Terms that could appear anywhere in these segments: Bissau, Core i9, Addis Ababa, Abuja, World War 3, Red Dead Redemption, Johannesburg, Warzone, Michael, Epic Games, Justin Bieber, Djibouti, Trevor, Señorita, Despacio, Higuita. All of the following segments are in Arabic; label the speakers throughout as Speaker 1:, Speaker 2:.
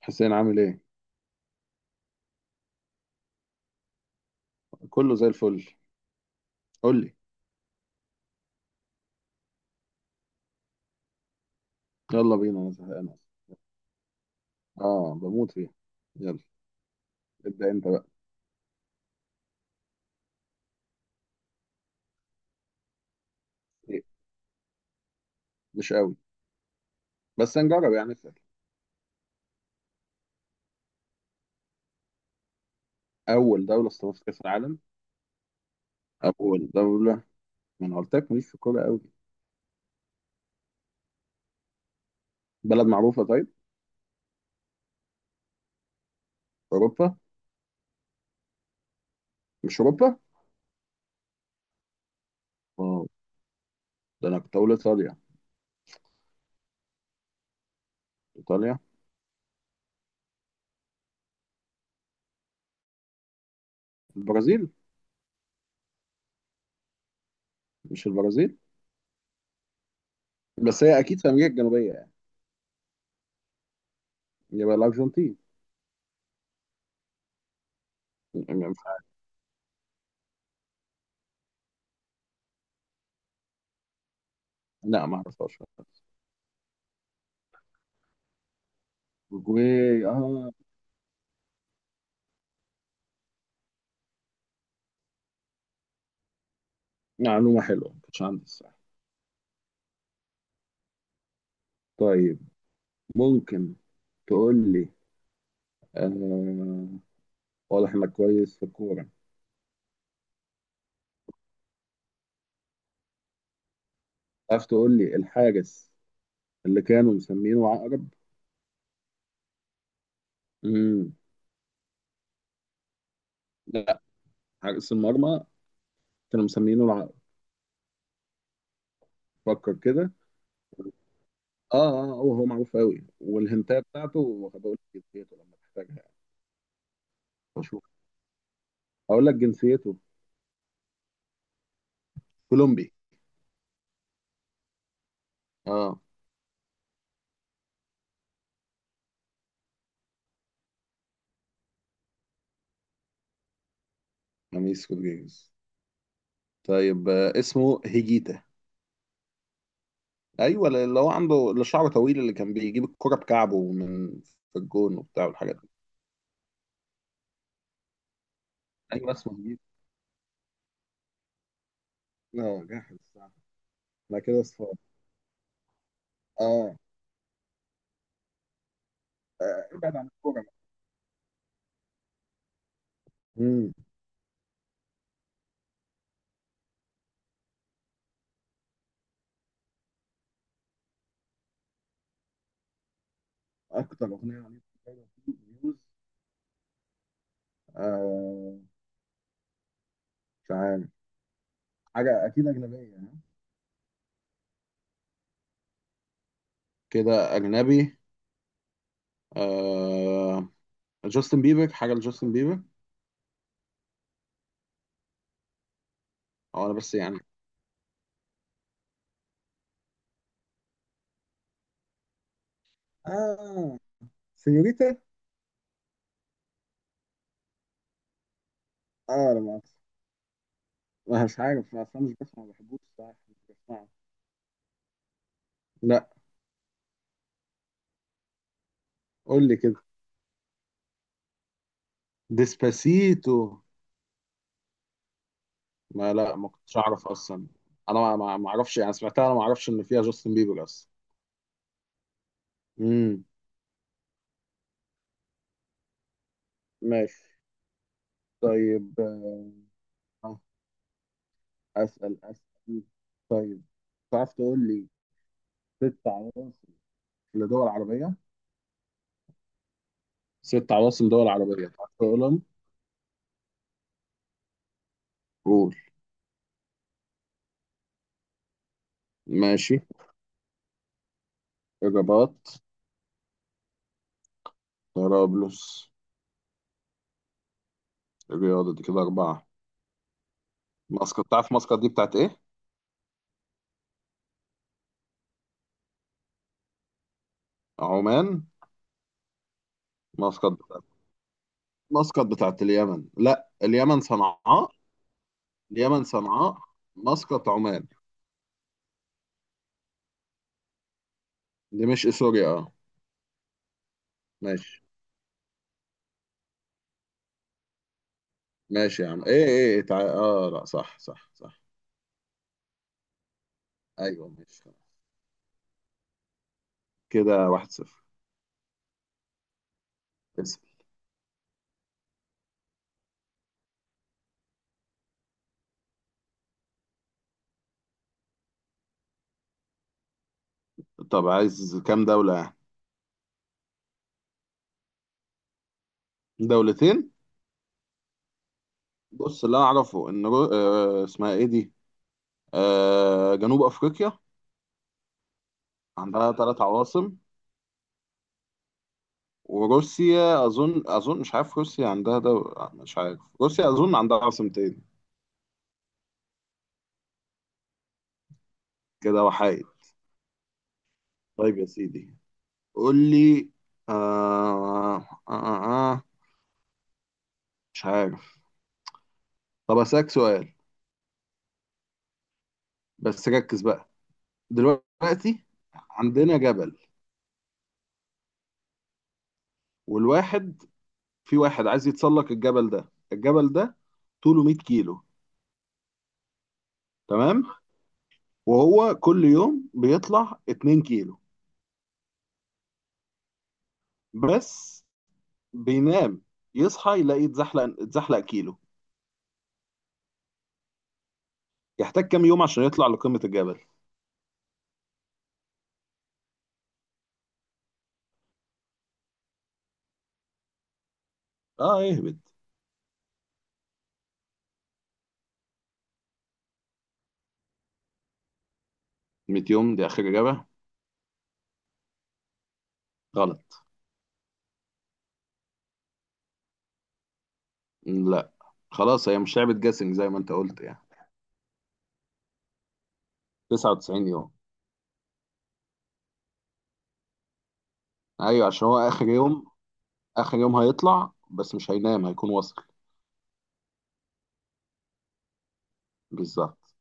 Speaker 1: حسين عامل ايه؟ كله زي الفل. قول لي. يلا بينا، انا زهقان أصلاً. اه، بموت فيها. يلا، ابدأ انت بقى. إيه؟ مش قوي. بس هنجرب يعني، اسأل. اول دولة استضافت كأس العالم. اول دولة. ما انا قلت لك ماليش في الكورة قوي. بلد معروفة؟ طيب، اوروبا. مش اوروبا؟ اه، ده انا كنت اقول ايطاليا. ايطاليا، البرازيل. مش البرازيل؟ بس هي اكيد في امريكا الجنوبية يعني. يبقى الارجنتين. لا، ما اعرفهاش. اوروجواي، اه. معلومة حلوة، ما كنتش عندي الصراحة. طيب، ممكن تقول لي، آه، واضح انك كويس في الكورة. تعرف تقول لي الحارس اللي كانوا مسمينه عقرب؟ مم. لا، حارس المرمى كانوا مسمينه العقرب. فكر كده. اه اه، هو معروف قوي، والهنتايه بتاعته هبقول لك جنسيته لما تحتاجها. اشوف، هقول لك جنسيته. كولومبي، اه. خميس رودريجيز. طيب، آه، اسمه هيجيتا. ايوه، اللي هو عنده اللي شعره طويل اللي كان بيجيب الكرة بكعبه من في الجون وبتاع والحاجات دي. ايوه، اسمه هيجيتا. اه، جاحد الصراحه. انا كده اصفر، اه. ابعد عن الكوره. امم اكتر اغنيه عملت فيوز. آه، مش عارف، حاجه اكيد اجنبيه يعني. كده اجنبي. آه، جاستن بيبر، حاجه لجاستن بيبر. او انا بس يعني، اه، سينيوريتا. اه، لا مؤاخذة. ما مش عارف اصلا، مش بسمع، ما بحبوش الصراحه، مش بسمعه. لا. قول لي كده، ديسباسيتو. ما لا، ما كنتش اعرف اصلا. انا ما اعرفش يعني، سمعتها، انا ما اعرفش ان فيها جاستن بيبر اصلا. امم. ماشي. طيب، اسال. طيب، تعرف تقول لي ست عواصم لدول عربية؟ ست عواصم دول عربية تعرف تقولهم؟ قول. ماشي. الرباط. طرابلس. الرياض، دي كده أربعة. مسقط. تعرف مسقط دي بتاعت إيه؟ عمان. مسقط بتاعت، مسقط بتاعت اليمن، لا، اليمن صنعاء. اليمن صنعاء. مسقط عمان. دي مش سوريا، اه. ماشي. ماشي يا عم، اه لا، صح صح صح. ايوه، ماشي. كده واحد صفر. اسأل. طب عايز كام دولة يعني؟ دولتين. بص، اللي أعرفه إن رو... آه اسمها إيه دي، آه، جنوب أفريقيا. عندها ثلاث عواصم. وروسيا أظن، أظن مش عارف، روسيا عندها دولة، مش عارف، روسيا أظن عندها عاصمتين. كده وحيد. طيب يا سيدي، قول لي. آه... آه... آه... آه، مش عارف. طب أسألك سؤال، بس ركز بقى. دلوقتي عندنا جبل، والواحد، في واحد عايز يتسلق الجبل ده. الجبل ده طوله 100 كيلو، تمام. وهو كل يوم بيطلع 2 كيلو، بس بينام، يصحى يلاقي اتزحلق اتزحلق كيلو. يحتاج كام يوم عشان يطلع لقمة الجبل؟ اه، اهبد. 100 يوم دي اخر اجابة. غلط. لا، خلاص، هي مش لعبة جاسنج زي ما انت قلت يعني. 99 يوم. ايوه، عشان هو اخر يوم، اخر يوم هيطلع بس مش هينام، هيكون واصل. بالظبط.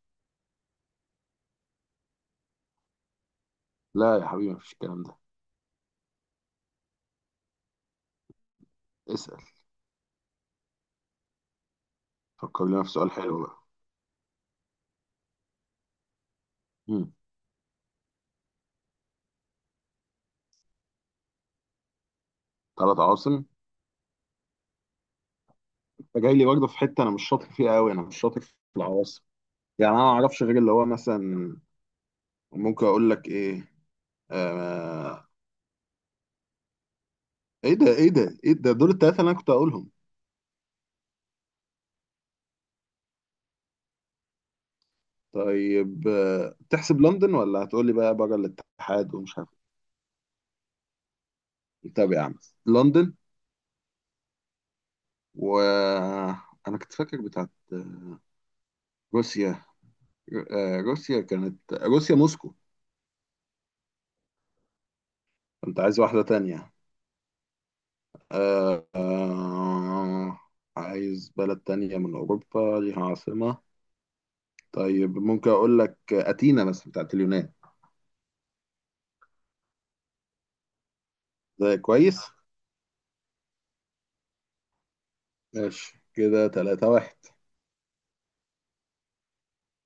Speaker 1: لا يا حبيبي، مفيش الكلام ده. اسأل. فكر لنا في سؤال حلو بقى. مم. ثلاث عواصم. فجاي لي برضه في حته انا مش شاطر فيها قوي، انا مش شاطر في العواصم، يعني انا ما اعرفش غير اللي هو مثلا. ممكن اقول لك ايه؟ آه... ايه ده، دول الثلاثه اللي انا كنت هقولهم. طيب، آه، تحسب لندن ولا هتقول لي بقى بره الاتحاد ومش عارف. إيه؟ طب يا عم، لندن. و، انا كنت فاكر بتاعت روسيا، آه، روسيا كانت، روسيا موسكو. كنت عايز واحده تانية، آه، آه، عايز بلد تانية من أوروبا ليها عاصمة. طيب، ممكن اقول لك اثينا مثلا بتاعت اليونان. ده كويس. ماشي، كده 3-1.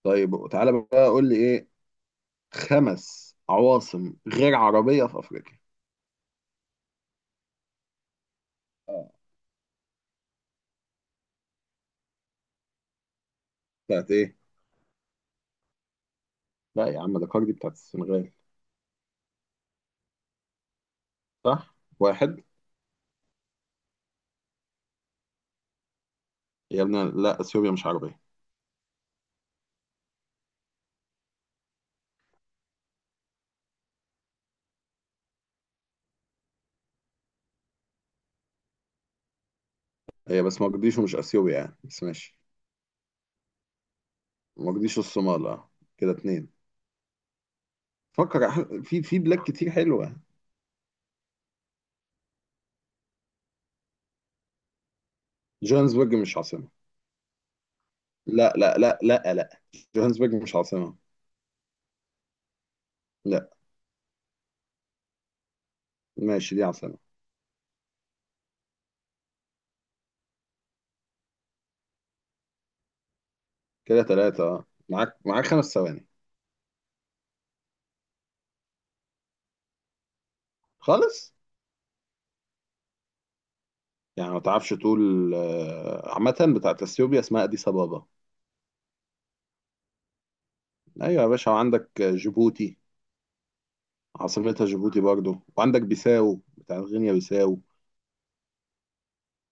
Speaker 1: طيب، تعالى بقى قول لي ايه، خمس عواصم غير عربية في افريقيا. اه. بتاعت ايه؟ لا يا عم، ده كاردي بتاعت السنغال. صح، واحد. يا ابني، لا، اثيوبيا مش عربية. هي بس مقديشو مش اثيوبيا يعني، بس ماشي. مقديشو الصومال، اه. كده اتنين. فكر في بلاد كتير حلوة. جوهانسبرج مش عاصمة. لا لا لا لا لا، جوهانسبرج مش عاصمة. لا، ماشي، دي عاصمة. كده ثلاثة، اه. معاك معاك خمس ثواني خالص. يعني ما تعرفش تقول، آه، عامة بتاعت اثيوبيا اسمها اديس ابابا. ايوه يا باشا، وعندك جيبوتي، عاصمتها جيبوتي برضو، وعندك بيساو بتاعت غينيا بيساو.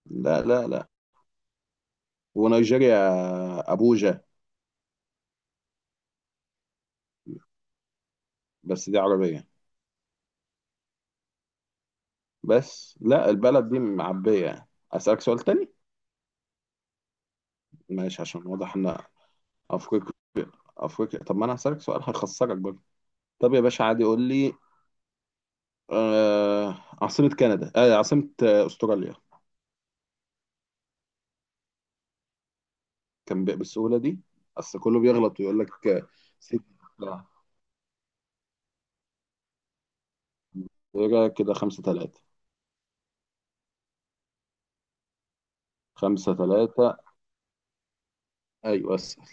Speaker 1: لا لا لا، ونيجيريا ابوجا. بس دي عربية. بس لا، البلد دي معبية يعني، اسألك سؤال تاني. ماشي، عشان واضح ان افريقيا، افريقيا، طب ما انا هسألك سؤال هخسرك برضه. طب يا باشا، عادي، قول لي آه عاصمة كندا، آه عاصمة، آه، أستراليا. كان بالسهولة دي. أصل كله بيغلط ويقول لك، آه، سيدني بتاع. يبقى كده خمسة تلاتة. خمسة تلاتة. أيوة أسأل،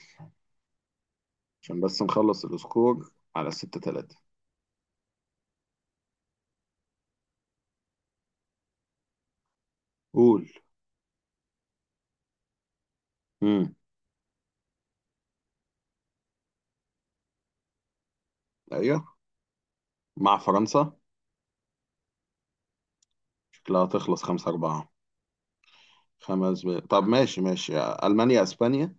Speaker 1: عشان بس نخلص السكور على ستة تلاتة. قول. مم. أيوة. مع فرنسا. شكلها تخلص خمسة أربعة. طب ماشي، ماشي، ألمانيا، أسبانيا،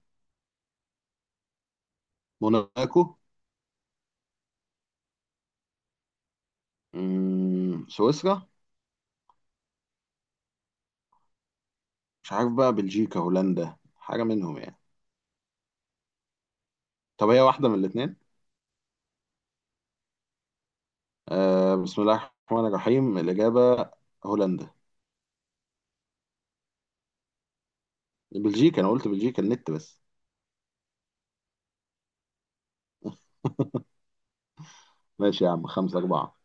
Speaker 1: موناكو. مم. سويسرا. مش عارف بقى، بلجيكا هولندا حاجة منهم يعني. طب هي واحدة من الاتنين. آه، بسم الله الرحمن الرحيم، الإجابة هولندا. بلجيكا، أنا قلت بلجيكا، النت بس. ماشي يا عم، خمسة أربعة.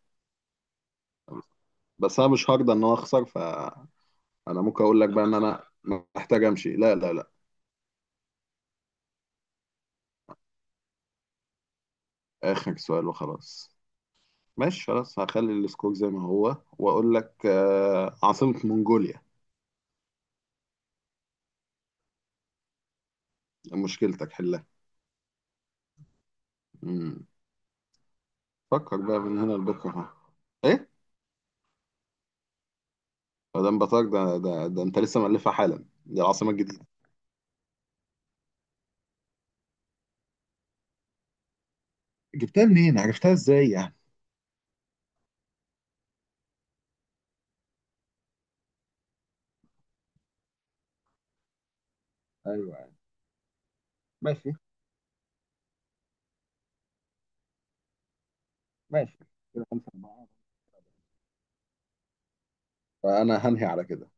Speaker 1: بس أنا مش هرضى إن أنا أخسر، فأنا ممكن أقول لك بقى إن أنا محتاج أمشي. لا لا لا، آخر سؤال وخلاص. ماشي، خلاص، هخلي السكور زي ما هو، وأقول لك آه عاصمة منغوليا. مشكلتك حلها. مم. فكر بقى من هنا لبكرة. ها. إيه؟ مدام بطاق ده أنت لسه مألفها حالا دي العاصمة الجديدة. جبتها منين، عرفتها إزاي يعني؟ ايوه. ماشي ماشي كده 5-4. فانا هنهي على كده.